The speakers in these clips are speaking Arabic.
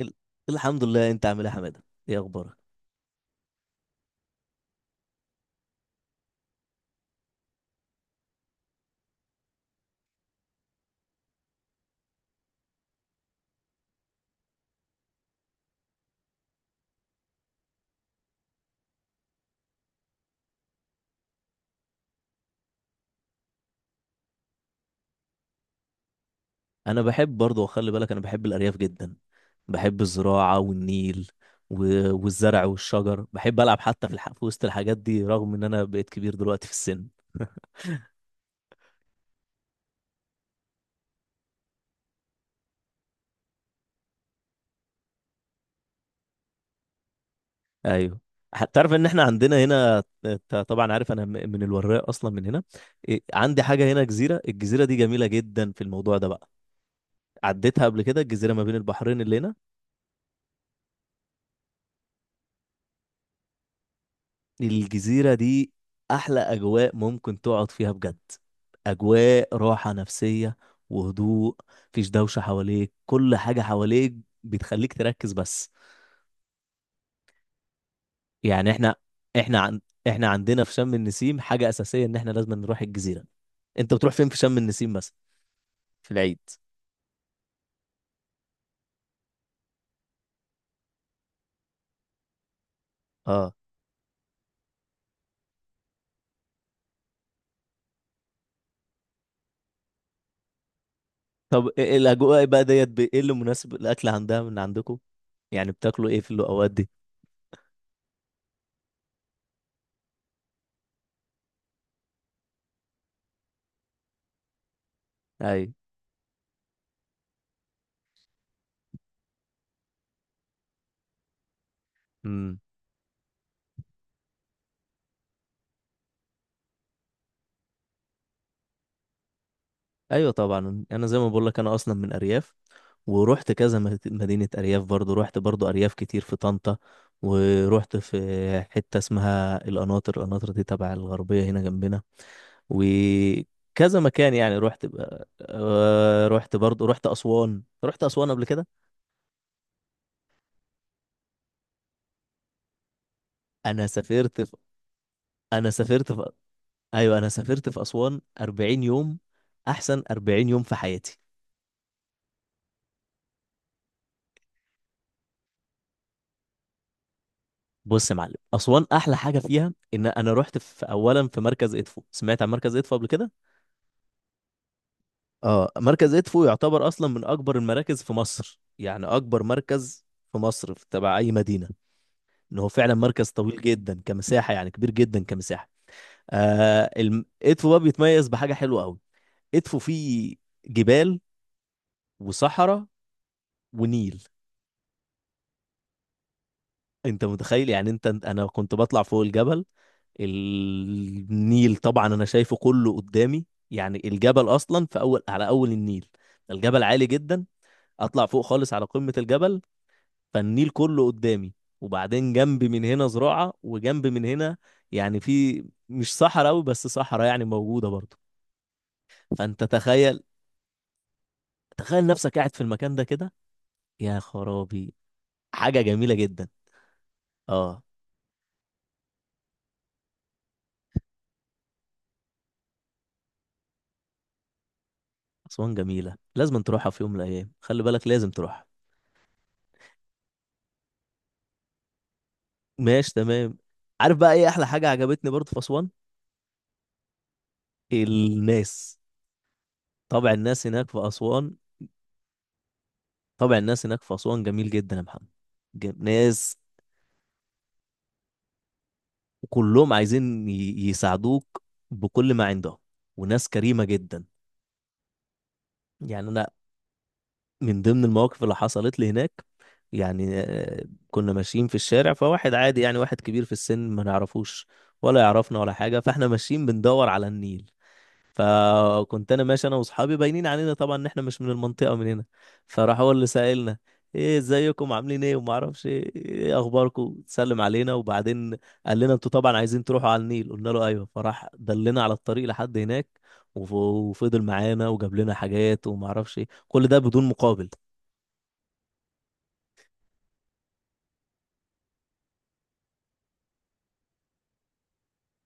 ال- الحمد لله، انت عامل ايه يا حماده؟ ايه اخبارك؟ انا بحب برضه، وخلي بالك انا بحب الارياف جدا. بحب الزراعه والنيل والزرع والشجر. بحب العب حتى في وسط الحاجات دي رغم ان انا بقيت كبير دلوقتي في السن. ايوه. تعرف ان احنا عندنا هنا، انت طبعا عارف انا من الوراق اصلا من هنا. إيه، عندي حاجه هنا، جزيره. الجزيره دي جميله جدا في الموضوع ده بقى. عديتها قبل كده، الجزيره ما بين البحرين اللي هنا. الجزيرة دي أحلى أجواء ممكن تقعد فيها بجد. أجواء راحة نفسية وهدوء، مفيش دوشة حواليك. كل حاجة حواليك بتخليك تركز بس. يعني احنا احنا عن... احنا عندنا في شم النسيم حاجة أساسية، إن احنا لازم نروح الجزيرة. أنت بتروح فين في شم النسيم مثلا، في العيد؟ اه. طب إيه الأجواء بقى ديت، إيه اللي مناسب الأكل عندها من عندكم؟ يعني بتاكلوا إيه في الأوقات دي؟ ايوه. امم. ايوه طبعا، انا زي ما بقول لك انا اصلا من ارياف، ورحت كذا مدينة أرياف. برضو رحت برضو أرياف كتير في طنطا، ورحت في حتة اسمها القناطر. القناطر دي تبع الغربية هنا جنبنا، وكذا مكان. يعني رحت رحت برضو، رحت أسوان، رحت أسوان قبل كده. أنا سافرت في أنا سافرت في أيوة أنا سافرت في أسوان 40 يوم، أحسن 40 يوم في حياتي. بص يا معلم، أسوان أحلى حاجة فيها إن أنا رحت في أولا في مركز إدفو. سمعت عن مركز إدفو قبل كده؟ اه. مركز ادفو يعتبر اصلا من اكبر المراكز في مصر، يعني اكبر مركز في مصر في تبع اي مدينه. ان هو فعلا مركز طويل جدا كمساحه، يعني كبير جدا كمساحه. ادفو بقى بيتميز بحاجه حلوه قوي. ادفو فيه جبال وصحراء ونيل. انت متخيل؟ يعني انت انا كنت بطلع فوق الجبل، النيل طبعا انا شايفه كله قدامي. يعني الجبل اصلا في اول على اول النيل، الجبل عالي جدا. اطلع فوق خالص على قمة الجبل، فالنيل كله قدامي، وبعدين جنبي من هنا زراعة، وجنب من هنا يعني في مش صحراء أوي، بس صحراء يعني موجودة برضه. فأنت تخيل، تخيل نفسك قاعد في المكان ده كده. يا خرابي، حاجة جميلة جدا. اه. أسوان جميلة، لازم تروحها في يوم من الأيام، خلي بالك لازم تروحها. ماشي تمام. عارف بقى ايه أحلى حاجة عجبتني برضه في أسوان؟ الناس، طبع الناس هناك في أسوان. طبع الناس هناك في أسوان جميل جدا يا محمد. ناس وكلهم عايزين يساعدوك بكل ما عندهم، وناس كريمة جدا. يعني أنا من ضمن المواقف اللي حصلت لي هناك، يعني آه، كنا ماشيين في الشارع، فواحد عادي يعني واحد كبير في السن، ما نعرفوش ولا يعرفنا ولا حاجة، فاحنا ماشيين بندور على النيل. فكنت انا ماشي انا واصحابي، باينين علينا طبعا ان احنا مش من المنطقه من هنا. فراح هو اللي سائلنا، ايه ازيكم، عاملين ايه، وما اعرفش ايه، إيه اخباركم، سلم علينا. وبعدين قال لنا انتوا طبعا عايزين تروحوا على النيل. قلنا له ايوه، فراح دلنا على الطريق لحد هناك. وفضل معانا، وجاب لنا حاجات وما اعرفش ايه، كل ده بدون مقابل.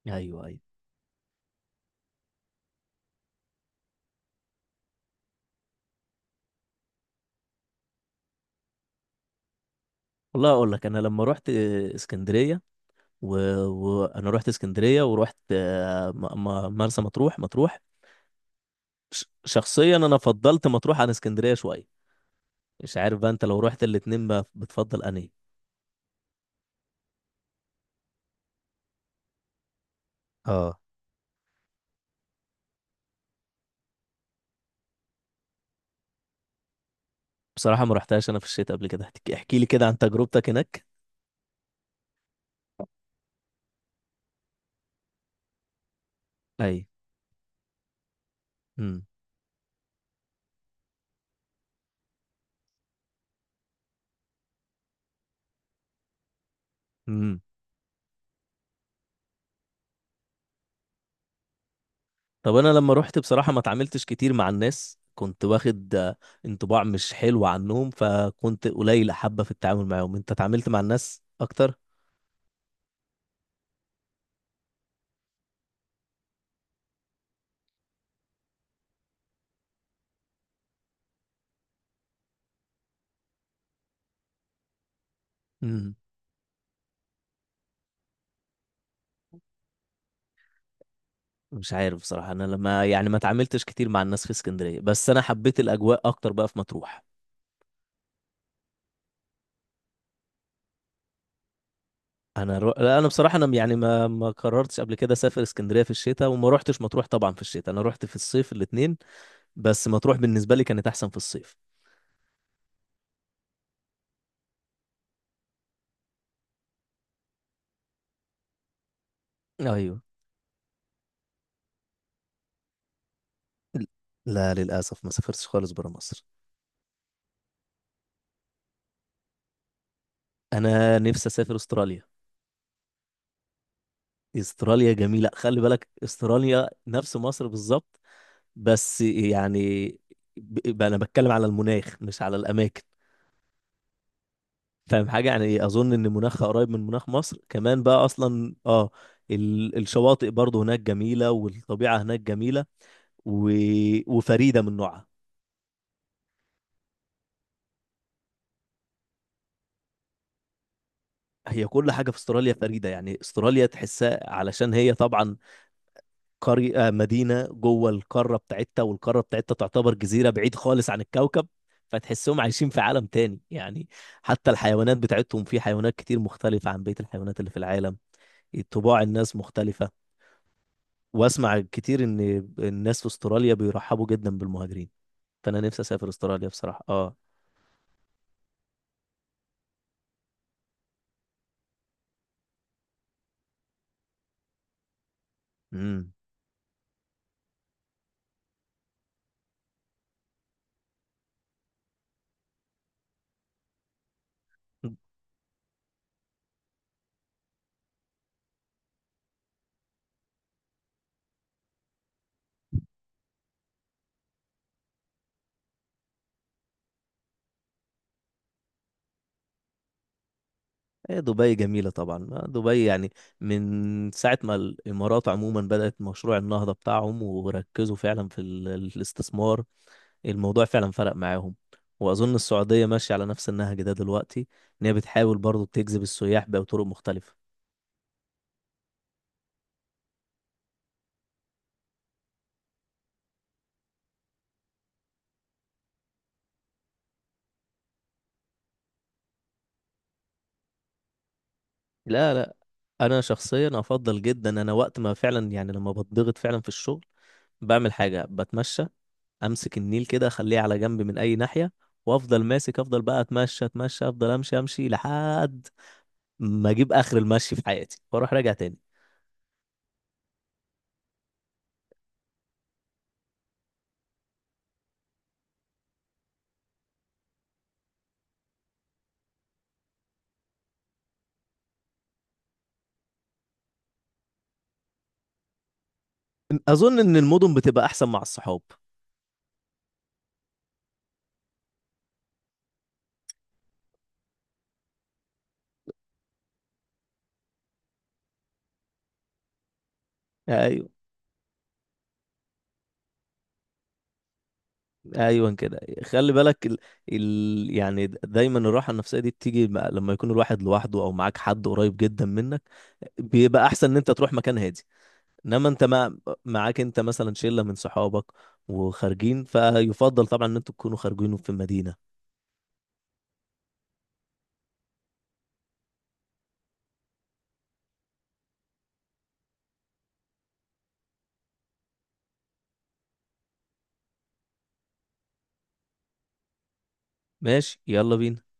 ايوه، ايوه. والله اقول لك، انا لما رحت اسكندريه، أنا رحت اسكندريه، ورحت آه، مرسى مطروح، مطروح. شخصيا انا فضلت مطروح عن اسكندريه شويه. مش عارف بقى انت لو رحت الاتنين بقى بتفضل انهي. اه. بصراحه ما رحتهاش انا في الشتاء قبل كده، احكي، احكي لي كده عن تجربتك هناك. اي. امم. امم. طب انا لما رحت، بصراحه ما اتعاملتش كتير مع الناس، كنت واخد آه، انطباع مش حلو عنهم، فكنت قليل حبه في التعامل معاهم. انت اتعاملت مع الناس اكتر؟ امم. مش عارف بصراحه، انا لما يعني ما اتعاملتش كتير مع الناس في اسكندريه، بس انا حبيت الاجواء اكتر بقى في مطروح. لا انا بصراحه انا يعني ما قررتش قبل كده اسافر اسكندريه في الشتاء، وما روحتش مطروح طبعا في الشتاء، انا روحت في الصيف الاثنين. بس مطروح بالنسبه لي كانت احسن في الصيف. ايوه. لا للاسف ما سافرتش خالص برا مصر. انا نفسي اسافر استراليا. استراليا جميله، خلي بالك استراليا نفس مصر بالظبط. بس يعني انا بتكلم على المناخ مش على الاماكن، فاهم حاجة؟ يعني أظن إن مناخها قريب من مناخ مصر كمان بقى أصلا. آه. الشواطئ برضه هناك جميلة، والطبيعة هناك جميلة، و... وفريدة من نوعها. هي كل حاجة في استراليا فريدة. يعني استراليا تحسها علشان هي طبعا قرية آه، مدينة جوه القارة بتاعتها، والقارة بتاعتها تعتبر جزيرة بعيد خالص عن الكوكب، فتحسهم عايشين في عالم تاني يعني. حتى الحيوانات بتاعتهم، في حيوانات كتير مختلفة عن بقية الحيوانات اللي في العالم. طباع الناس مختلفة. واسمع كتير ان الناس في استراليا بيرحبوا جدا بالمهاجرين، فانا نفسي اسافر استراليا بصراحه. اه. امم. هي دبي جميله طبعا، آه، دبي يعني من ساعه ما الامارات عموما بدات مشروع النهضه بتاعهم، وركزوا فعلا في الاستثمار، الموضوع فعلا فرق معاهم. واظن السعوديه ماشيه على نفس النهج ده دلوقتي. ان هي بتحاول برضو تجذب السياح بطرق مختلفه. لا، انا شخصيا افضل جدا، انا وقت ما فعلا يعني لما بتضغط فعلا في الشغل، بعمل حاجه، بتمشى، امسك النيل كده، اخليه على جنب من اي ناحيه، وافضل ماسك، افضل بقى اتمشى اتمشى، افضل امشي امشي لحد ما اجيب اخر المشي في حياتي، واروح راجع تاني. اظن ان المدن بتبقى احسن مع الصحاب. ايوه، ايوه كده، خلي بالك يعني دايما الراحه النفسيه دي بتيجي لما يكون الواحد لوحده، او معاك حد قريب جدا منك، بيبقى احسن ان انت تروح مكان هادي. انما معاك انت مثلا شله من صحابك وخارجين، فيفضل طبعا ان انتوا تكونوا خارجين في مدينه. ماشي يلا بينا.